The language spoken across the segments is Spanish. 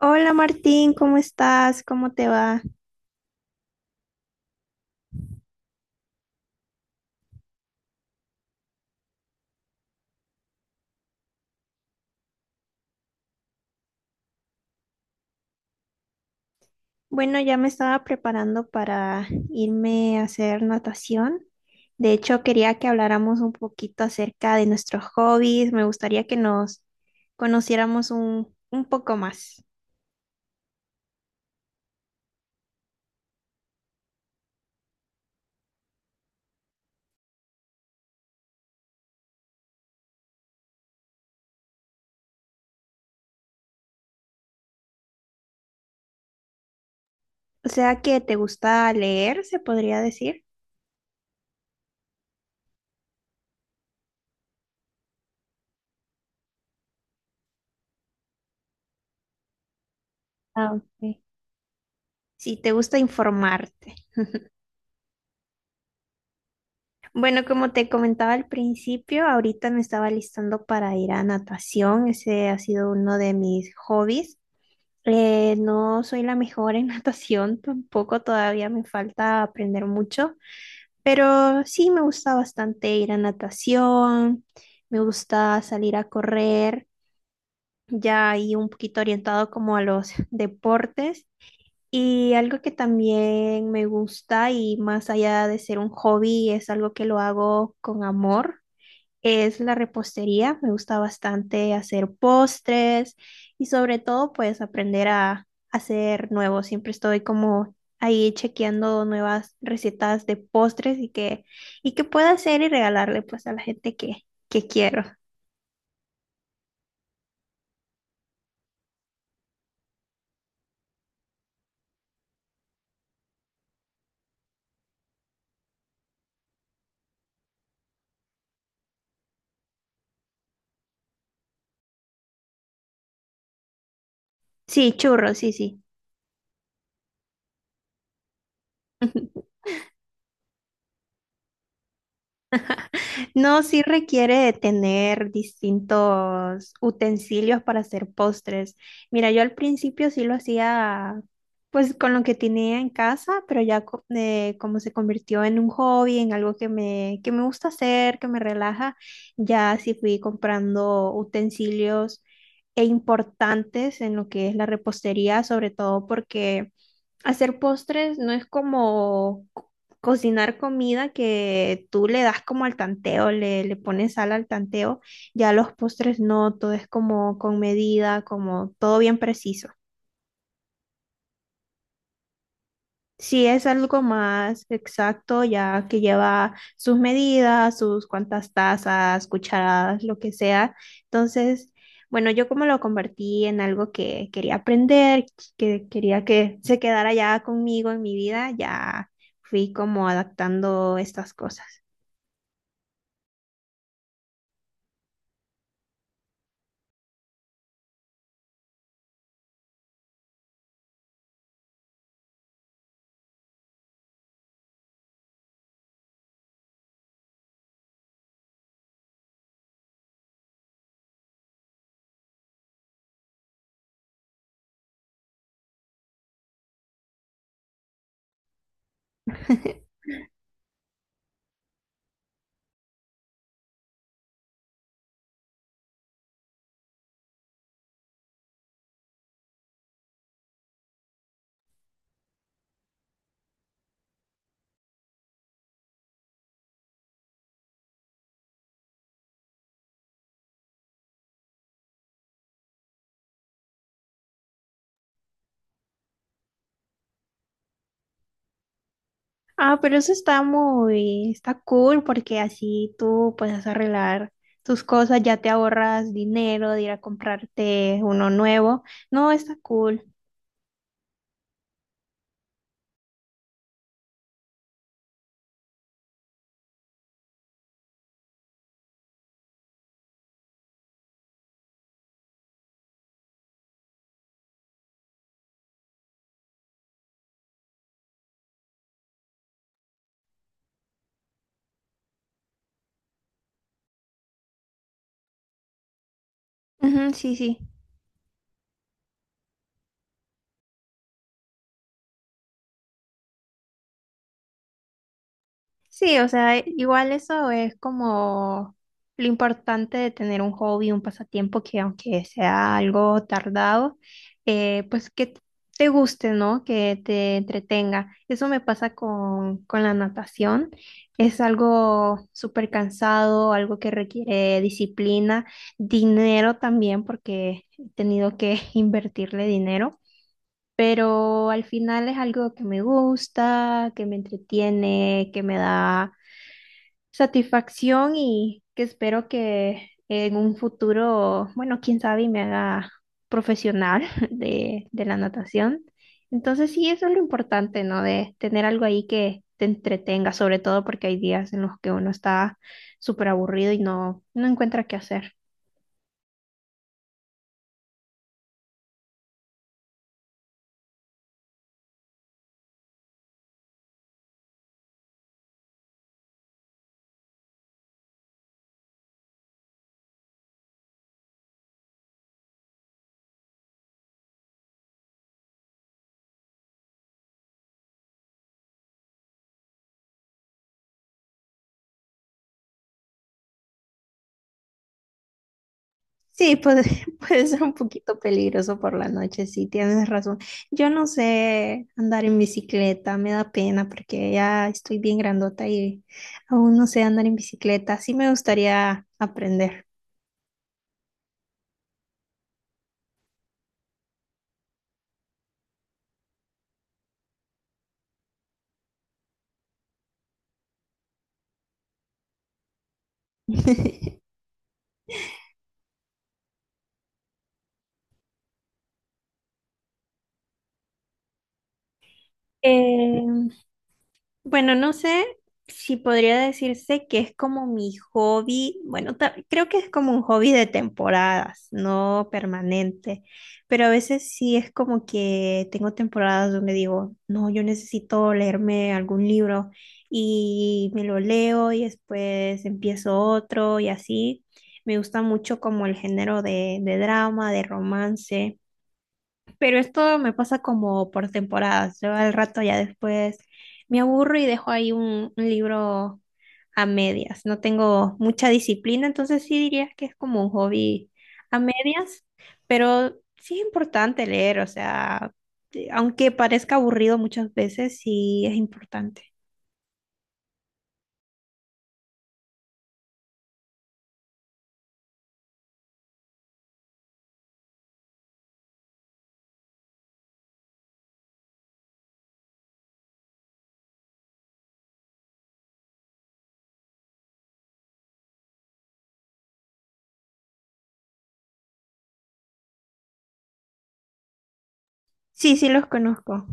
Hola Martín, ¿cómo estás? ¿Cómo te va? Bueno, ya me estaba preparando para irme a hacer natación. De hecho, quería que habláramos un poquito acerca de nuestros hobbies. Me gustaría que nos conociéramos un poco más. O sea, que te gusta leer, se podría decir. Ah, ok. Si te gusta informarte. Bueno, como te comentaba al principio, ahorita me estaba listando para ir a natación. Ese ha sido uno de mis hobbies. No soy la mejor en natación, tampoco todavía me falta aprender mucho, pero sí me gusta bastante ir a natación, me gusta salir a correr, ya ahí un poquito orientado como a los deportes. Y algo que también me gusta y más allá de ser un hobby, es algo que lo hago con amor es la repostería. Me gusta bastante hacer postres y sobre todo pues aprender a hacer nuevos. Siempre estoy como ahí chequeando nuevas recetas de postres y que pueda hacer y regalarle pues a la gente que quiero. Sí, churros, sí, sí. No, sí requiere de tener distintos utensilios para hacer postres. Mira, yo al principio sí lo hacía pues con lo que tenía en casa, pero ya como se convirtió en un hobby, en algo que me gusta hacer, que me relaja, ya sí fui comprando utensilios e importantes en lo que es la repostería, sobre todo porque hacer postres no es como cocinar comida que tú le das como al tanteo, le pones sal al tanteo. Ya los postres no, todo es como con medida, como todo bien preciso. Si es algo más exacto, ya que lleva sus medidas, sus cuantas tazas, cucharadas, lo que sea. Entonces, bueno, yo como lo convertí en algo que quería aprender, que quería que se quedara ya conmigo en mi vida, ya fui como adaptando estas cosas. Ah, pero eso está muy, está cool porque así tú puedes arreglar tus cosas, ya te ahorras dinero de ir a comprarte uno nuevo. No, está cool. Ujú, sí, sí. Sí, o sea, igual eso es como lo importante de tener un hobby, un pasatiempo que aunque sea algo tardado, pues que te guste, ¿no? Que te entretenga. Eso me pasa con la natación. Es algo súper cansado, algo que requiere disciplina, dinero también, porque he tenido que invertirle dinero. Pero al final es algo que me gusta, que me entretiene, que me da satisfacción y que espero que en un futuro, bueno, quién sabe, y me haga profesional de la natación. Entonces sí, eso es lo importante, ¿no? De tener algo ahí que te entretenga, sobre todo porque hay días en los que uno está súper aburrido y no encuentra qué hacer. Sí, puede, puede ser un poquito peligroso por la noche, sí, tienes razón. Yo no sé andar en bicicleta, me da pena porque ya estoy bien grandota y aún no sé andar en bicicleta. Sí me gustaría aprender. Eh, Bueno, no sé si podría decirse que es como mi hobby, bueno, creo que es como un hobby de temporadas, no permanente, pero a veces sí es como que tengo temporadas donde digo, no, yo necesito leerme algún libro y me lo leo y después empiezo otro y así. Me gusta mucho como el género de drama, de romance. Pero esto me pasa como por temporadas. Yo al rato ya después me aburro y dejo ahí un libro a medias. No tengo mucha disciplina, entonces sí diría que es como un hobby a medias, pero sí es importante leer, o sea, aunque parezca aburrido muchas veces, sí es importante. Sí, sí los conozco.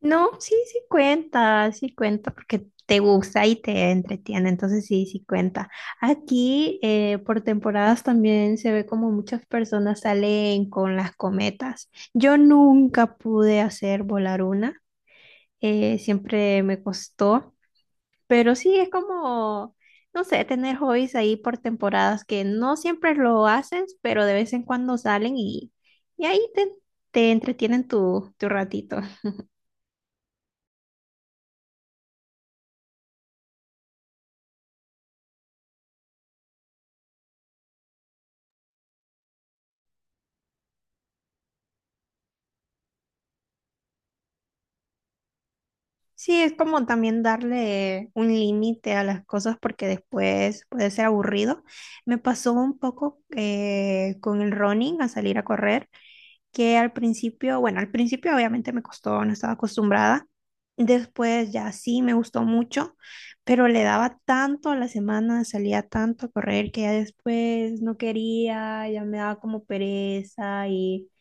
No, sí, sí cuenta, porque te gusta y te entretiene, entonces sí, sí cuenta. Aquí por temporadas también se ve como muchas personas salen con las cometas. Yo nunca pude hacer volar una, siempre me costó, pero sí es como, no sé, tener hobbies ahí por temporadas que no siempre lo haces, pero de vez en cuando salen y ahí te entretienen tu ratito. Sí, es como también darle un límite a las cosas porque después puede ser aburrido. Me pasó un poco con el running, a salir a correr que al principio, bueno, al principio obviamente me costó, no estaba acostumbrada. Después ya sí me gustó mucho, pero le daba tanto a la semana, salía tanto a correr que ya después no quería, ya me daba como pereza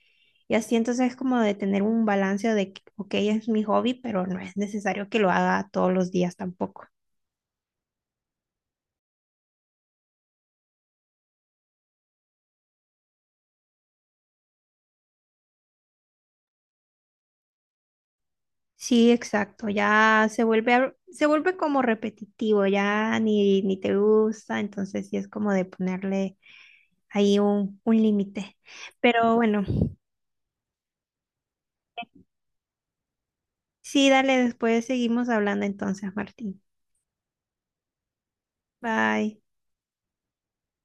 y así. Entonces es como de tener un balance de que, ok, es mi hobby, pero no es necesario que lo haga todos los días tampoco. Sí, exacto, ya se vuelve, se vuelve como repetitivo, ya ni te gusta, entonces sí es como de ponerle ahí un límite. Pero bueno, sí, dale, después seguimos hablando entonces, Martín. Bye.